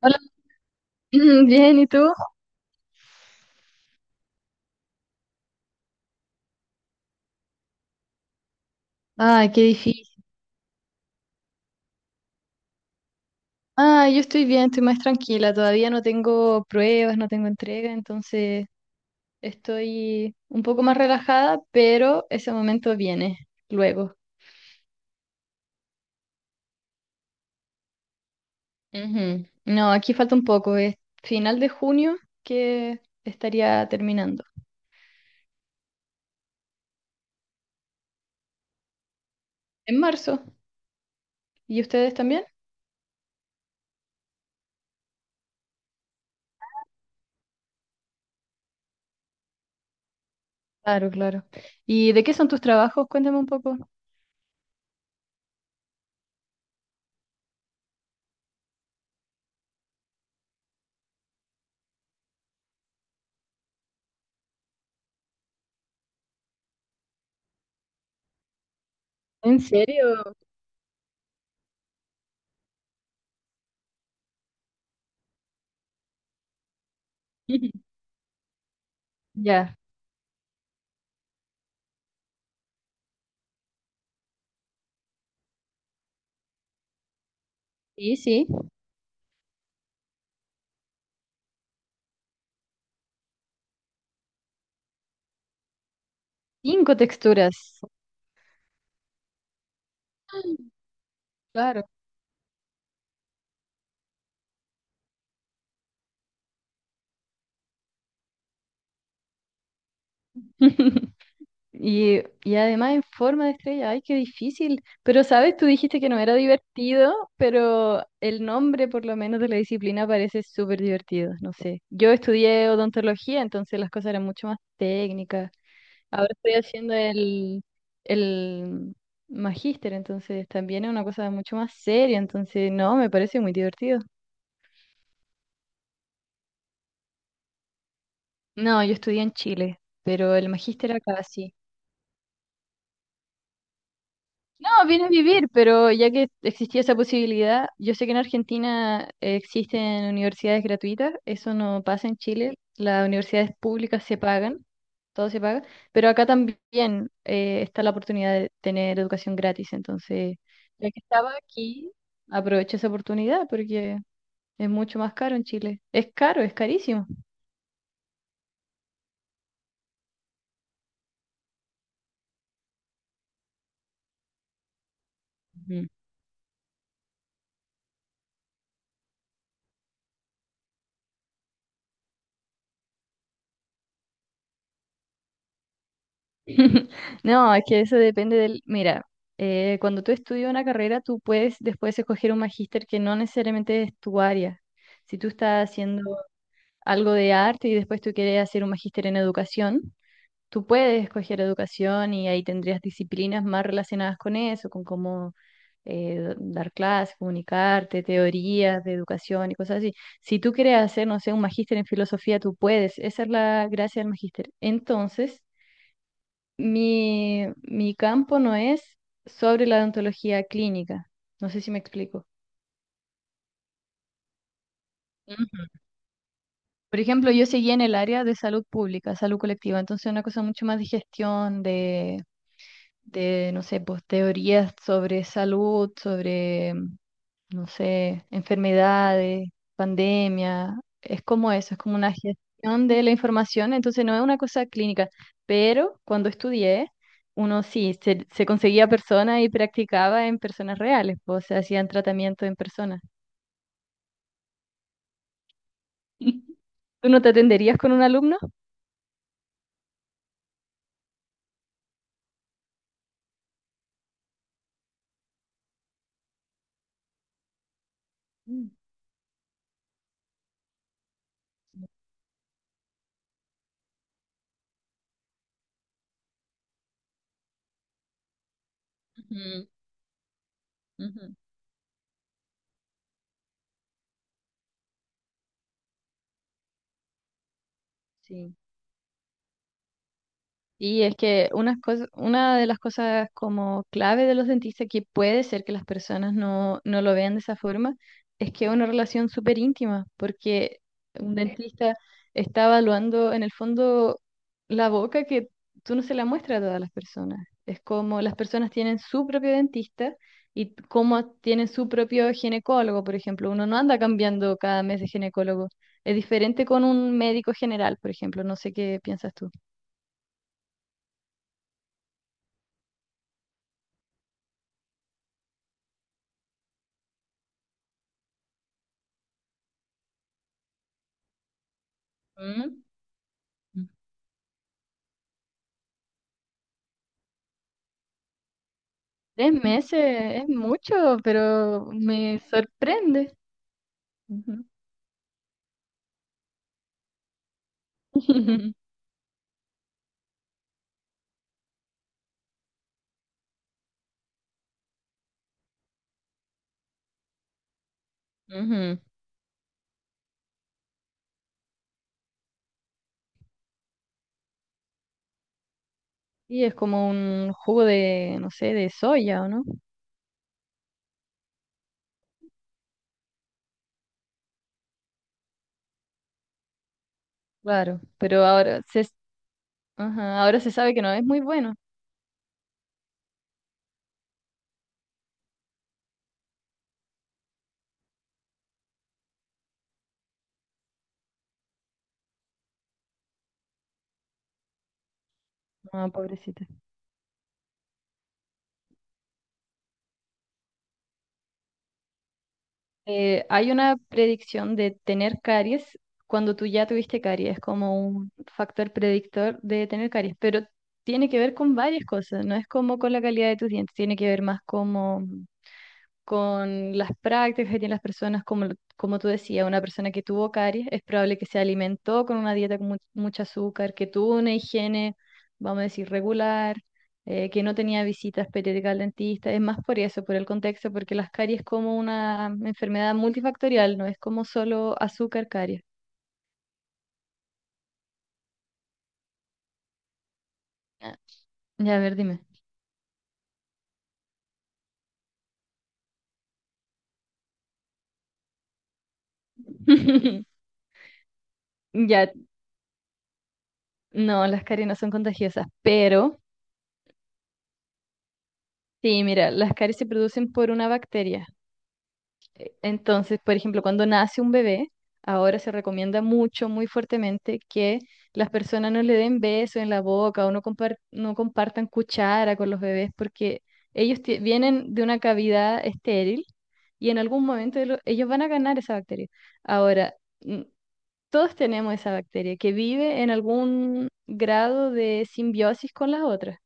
Hola, bien, ¿y tú? Ay, qué difícil. Ah, yo estoy bien, estoy más tranquila, todavía no tengo pruebas, no tengo entrega, entonces estoy un poco más relajada, pero ese momento viene luego. Ujú. No, aquí falta un poco, es final de junio que estaría terminando. En marzo, ¿y ustedes también? Claro, claro. ¿Y de qué son tus trabajos? Cuéntame un poco. ¿En serio? Ya. Sí, sí. Cinco texturas. Mm, claro. Y además en forma de estrella, ay, qué difícil. Pero, ¿sabes? Tú dijiste que no era divertido, pero el nombre por lo menos de la disciplina parece súper divertido, no sé. Yo estudié odontología, entonces las cosas eran mucho más técnicas. Ahora estoy haciendo el magíster, entonces también es una cosa mucho más seria, entonces no, me parece muy divertido. No, yo estudié en Chile, pero el magíster acá sí. No, vine a vivir, pero ya que existía esa posibilidad, yo sé que en Argentina existen universidades gratuitas, eso no pasa en Chile, las universidades públicas se pagan, todo se paga, pero acá también está la oportunidad de tener educación gratis, entonces ya que estaba aquí, aprovecho esa oportunidad porque es mucho más caro en Chile, es caro, es carísimo. Ujú. No, es que eso depende del... Mira, cuando tú estudias una carrera, tú puedes después escoger un magíster que no necesariamente es tu área. Si tú estás haciendo algo de arte y después tú quieres hacer un magíster en educación, tú puedes escoger educación y ahí tendrías disciplinas más relacionadas con eso, con cómo dar clases, comunicarte, teorías de educación y cosas así. Si tú quieres hacer, no sé, un magíster en filosofía, tú puedes. Esa es la gracia del magíster. Entonces... Mi campo no es sobre la odontología clínica. No sé si me explico. Ujú. Por ejemplo, yo seguí en el área de salud pública, salud colectiva, entonces una cosa mucho más de gestión, de no sé, pues teorías sobre salud, sobre no sé, enfermedades, pandemia, es como eso, es como una gestión de la información, entonces no es una cosa clínica, pero cuando estudié, uno sí, se conseguía personas y practicaba en personas reales, pues, o sea, hacían tratamiento en personas. ¿Tú no te atenderías con un alumno? Mm, ujú, ujú. Sí. Y es que una de las cosas como clave de los dentistas que puede ser que las personas no, no lo vean de esa forma es que es una relación súper íntima, porque un dentista está evaluando en el fondo la boca que tú no se la muestras a todas las personas. Es como las personas tienen su propio dentista y como tienen su propio ginecólogo, por ejemplo. Uno no anda cambiando cada mes de ginecólogo. Es diferente con un médico general, por ejemplo. No sé qué piensas tú. Mm. 3 meses es mucho, pero me sorprende. Ujú. Ujú. Y es como un jugo de, no sé, de soya, ¿o no? Claro, pero ajá, ahora se sabe que no es muy bueno. No, pobrecita. Hay una predicción de tener caries cuando tú ya tuviste caries, es como un factor predictor de tener caries, pero tiene que ver con varias cosas, no es como con la calidad de tus dientes, tiene que ver más como con las prácticas que tienen las personas, como, como tú decías, una persona que tuvo caries, es probable que se alimentó con una dieta con mucho azúcar, que tuvo una higiene, vamos a decir, regular, que no tenía visitas periódicas al dentista. Es más por eso, por el contexto, porque las caries es como una enfermedad multifactorial, no es como solo azúcar, caries. Ah, ya, a ver, dime. Ya, no, las caries no son contagiosas, pero sí, mira, las caries se producen por una bacteria. Entonces, por ejemplo, cuando nace un bebé, ahora se recomienda mucho, muy fuertemente que las personas no le den beso en la boca o no, no compartan cuchara con los bebés porque vienen de una cavidad estéril y en algún momento ellos van a ganar esa bacteria. Ahora, mm, todos tenemos esa bacteria que vive en algún grado de simbiosis con las otras.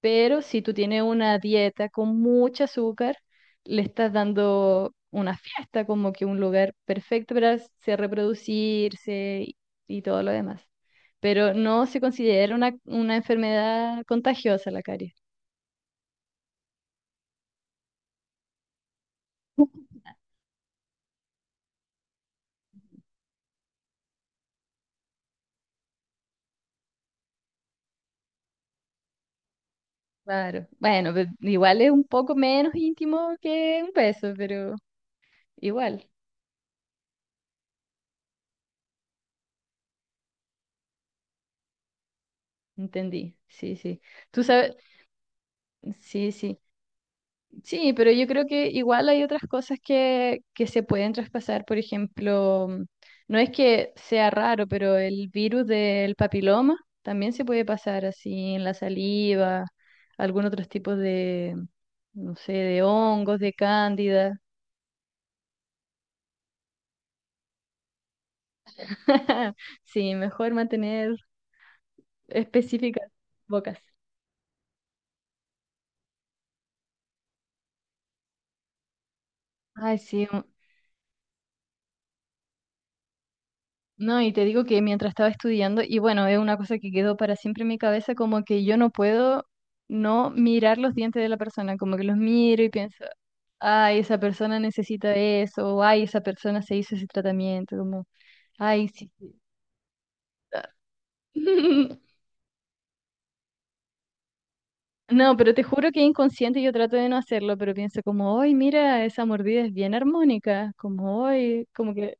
Pero si tú tienes una dieta con mucho azúcar, le estás dando una fiesta, como que un lugar perfecto para se reproducirse y todo lo demás. Pero no se considera una enfermedad contagiosa la caries. Claro. Bueno, igual es un poco menos íntimo que un beso, pero igual, entendí. Sí, sí. Tú sabes, sí, sí. Sí, pero yo creo que igual hay otras cosas que se pueden traspasar. Por ejemplo, no es que sea raro, pero el virus del papiloma también se puede pasar así en la saliva, algún otros tipos de, no sé, de hongos, de cándida. Sí, mejor mantener específicas bocas. Ay, sí, no, y te digo que mientras estaba estudiando, y bueno, es una cosa que quedó para siempre en mi cabeza, como que yo no puedo no mirar los dientes de la persona, como que los miro y pienso, ay, esa persona necesita eso, o ay, esa persona se hizo ese tratamiento, como, ay, sí. Sí, ah". No, pero te juro que inconsciente yo trato de no hacerlo, pero pienso como, ay, mira, esa mordida es bien armónica, como, ay, como que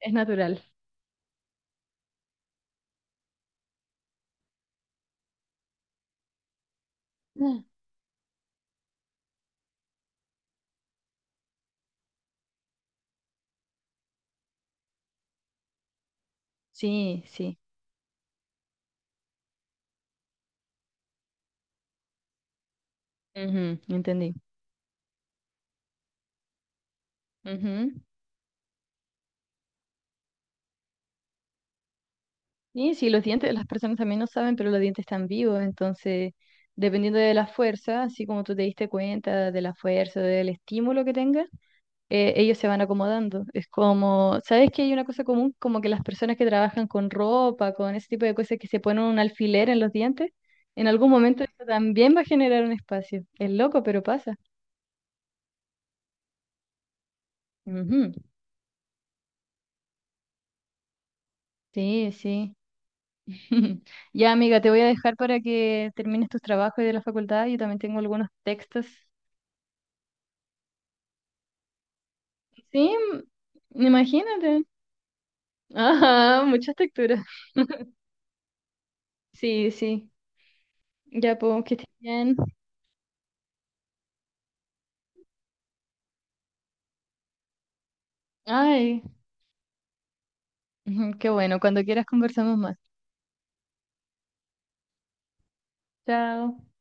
es natural. Ah. Sí, sí, ujú, entendí. Ujú. Y sí, los dientes, las personas también no saben, pero los dientes están vivos, entonces, dependiendo de la fuerza, así como tú te diste cuenta de la fuerza, del estímulo que tengas, ellos se van acomodando. Es como, ¿sabes que hay una cosa común? Como que las personas que trabajan con ropa, con ese tipo de cosas que se ponen un alfiler en los dientes, en algún momento eso también va a generar un espacio. Es loco, pero pasa. Ujú. Sí, sí. Ya, amiga, te voy a dejar para que termines tus trabajos de la facultad. Yo también tengo algunos textos sí, mm, imagínate. Ajá, muchas texturas. Sí, sí. Ya, pues, que estés bien. Ay, ujú, qué bueno. Cuando quieras conversamos más. Chao.